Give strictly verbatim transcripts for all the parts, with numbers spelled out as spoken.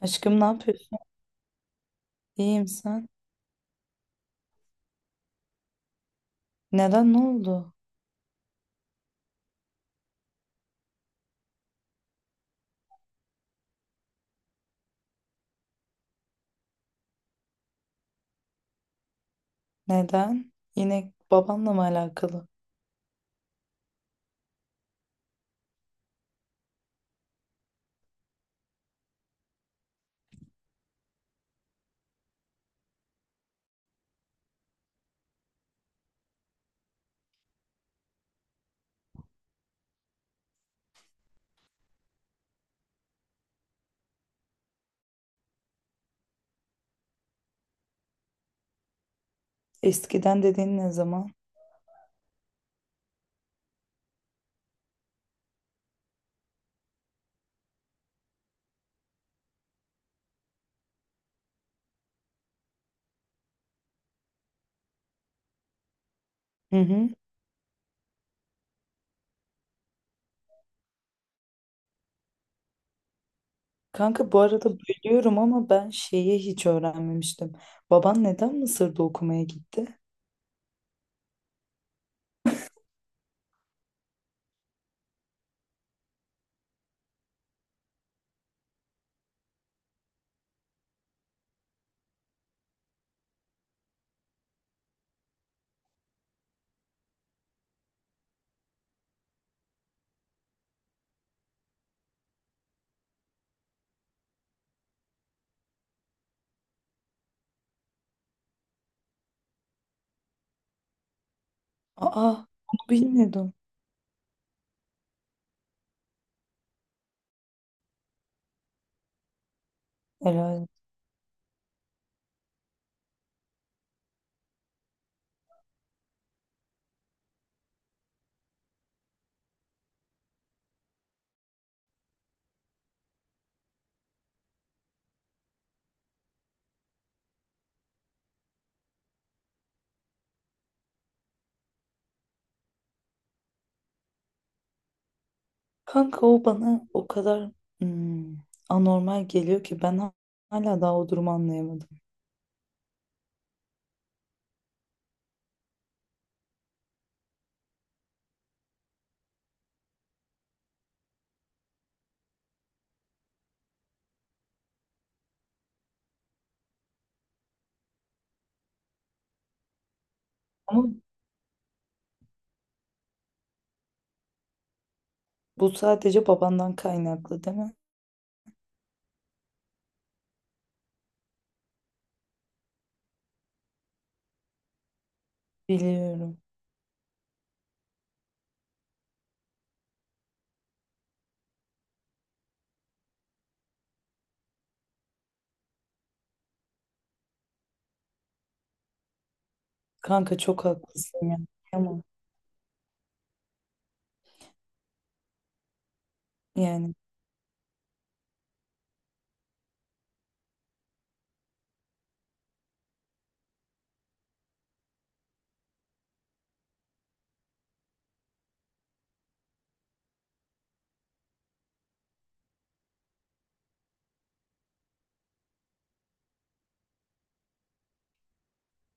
Aşkım ne yapıyorsun? İyiyim sen. Neden ne oldu? Neden? Yine babanla mı alakalı? Eskiden dediğin ne zaman? Hı hı. Kanka bu arada bölüyorum ama ben şeyi hiç öğrenmemiştim. Baban neden Mısır'da okumaya gitti? Aa, onu bilmiyordum. Helal. Kanka o bana o kadar hmm, anormal geliyor ki ben ha- hala daha o durumu anlayamadım. Ama bu sadece babandan kaynaklı değil mi? Biliyorum. Kanka çok haklısın ya. Yani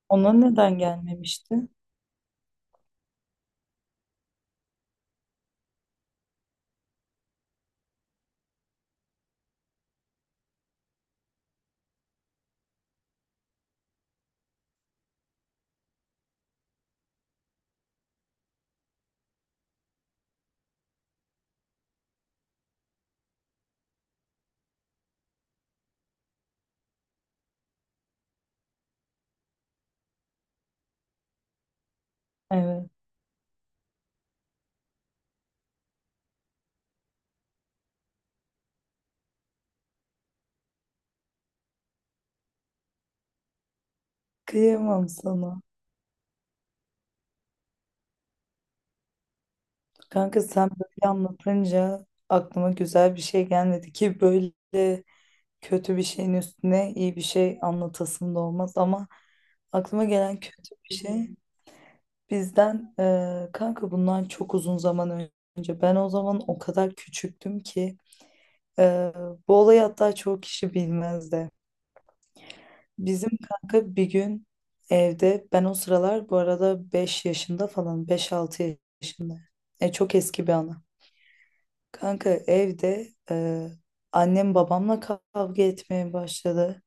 ona neden gelmemişti? Evet. Kıyamam sana. Kanka sen böyle anlatınca aklıma güzel bir şey gelmedi ki böyle kötü bir şeyin üstüne iyi bir şey anlatasım da olmaz ama aklıma gelen kötü bir şey bizden eee, kanka bundan çok uzun zaman önce ben o zaman o kadar küçüktüm ki eee, bu olayı hatta çoğu kişi bilmezdi. Bizim kanka bir gün evde ben o sıralar bu arada beş yaşında falan, beş altı yaşında. E, çok eski bir anı. Kanka evde e, annem babamla kavga etmeye başladı.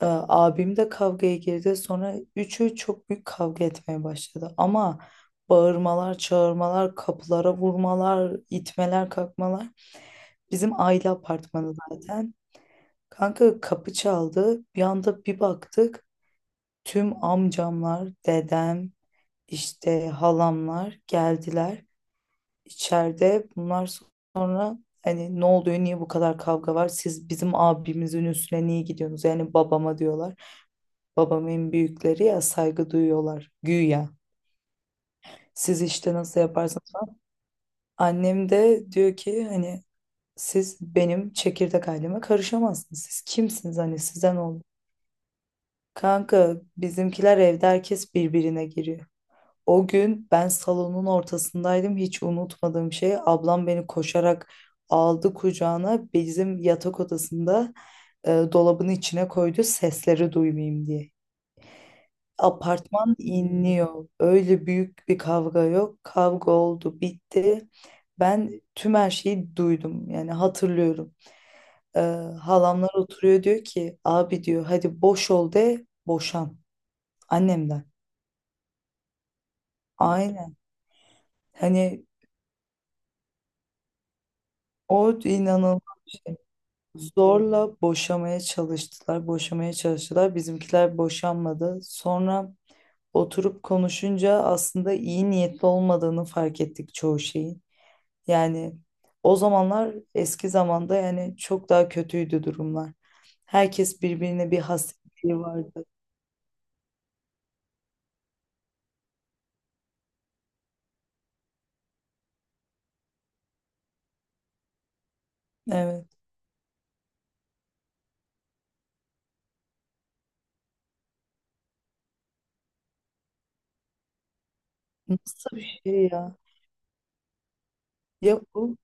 E, abim de kavgaya girdi. Sonra üçü çok büyük kavga etmeye başladı. Ama bağırmalar, çağırmalar, kapılara vurmalar, itmeler, kalkmalar. Bizim aile apartmanı zaten. Kanka kapı çaldı. Bir anda bir baktık. Tüm amcamlar, dedem, işte halamlar geldiler. İçeride bunlar, sonra hani ne oluyor, niye bu kadar kavga var? Siz bizim abimizin üstüne niye gidiyorsunuz? Yani babama diyorlar. Babam en büyükleri ya, saygı duyuyorlar güya. Siz işte nasıl yaparsanız falan. Annem de diyor ki hani siz benim çekirdek aileme karışamazsınız. Siz kimsiniz, hani size ne olur? Kanka bizimkiler evde herkes birbirine giriyor. O gün ben salonun ortasındaydım. Hiç unutmadığım şey, ablam beni koşarak aldı kucağına. Bizim yatak odasında e, dolabın içine koydu sesleri duymayayım diye. Apartman inliyor. Öyle büyük bir kavga yok. Kavga oldu, bitti. Ben tüm her şeyi duydum. Yani hatırlıyorum. E, Halamlar oturuyor, diyor ki abi diyor, hadi boş ol de, boşan annemden. Aynen. Hani o inanılmaz. Zorla boşamaya çalıştılar, boşamaya çalıştılar. Bizimkiler boşanmadı. Sonra oturup konuşunca aslında iyi niyetli olmadığını fark ettik çoğu şeyin. Yani o zamanlar, eski zamanda yani çok daha kötüydü durumlar. Herkes birbirine bir hasreti vardı. Evet. Nasıl bir şey ya? Ya bu.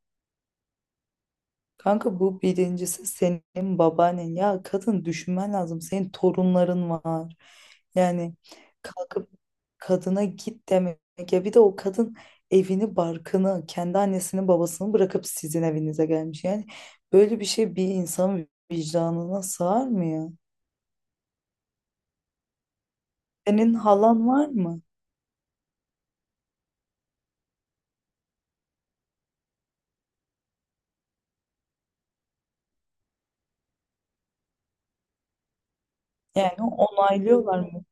Kanka bu birincisi senin babaannen. Ya kadın, düşünmen lazım. Senin torunların var. Yani kalkıp kadına git demek ya. Bir de o kadın evini, barkını, kendi annesini, babasını bırakıp sizin evinize gelmiş. Yani böyle bir şey bir insanın vicdanına sığar mı ya? Senin halan var mı? Yani onaylıyorlar mı?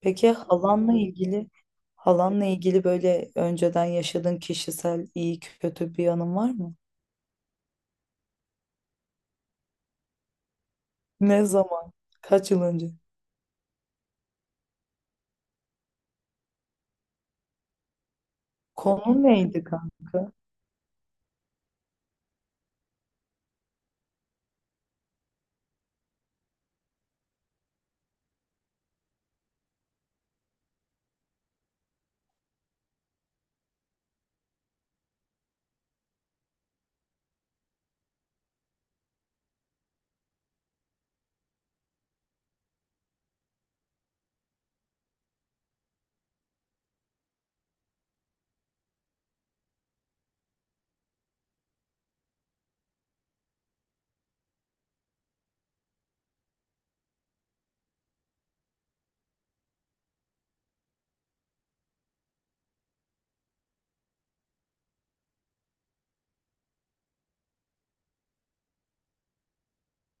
Peki halanla ilgili, halanla ilgili böyle önceden yaşadığın kişisel iyi kötü bir yanın var mı? Ne zaman? Kaç yıl önce? Konu neydi kanka?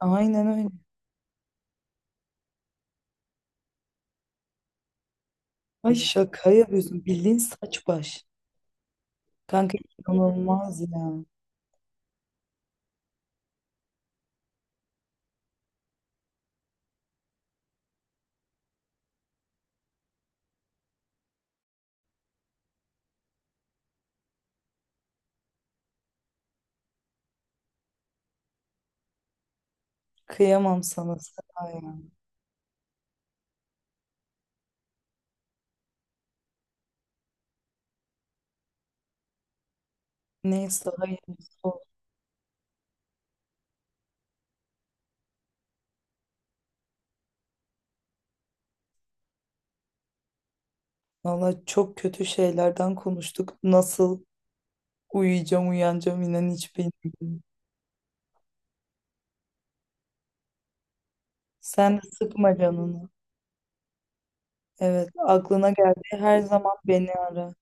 Aynen öyle. Ay, şaka yapıyorsun. Bildiğin saç baş. Kanka inanılmaz ya. Kıyamam sana Seda ya. Neyse hayırlısı olsun. Valla çok kötü şeylerden konuştuk. Nasıl uyuyacağım, uyanacağım inan hiç bilmiyorum. Sen de sıkma canını. Evet, aklına geldiği her zaman beni ara.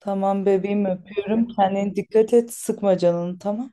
Tamam bebeğim, öpüyorum. Kendine dikkat et. Sıkma canını, tamam.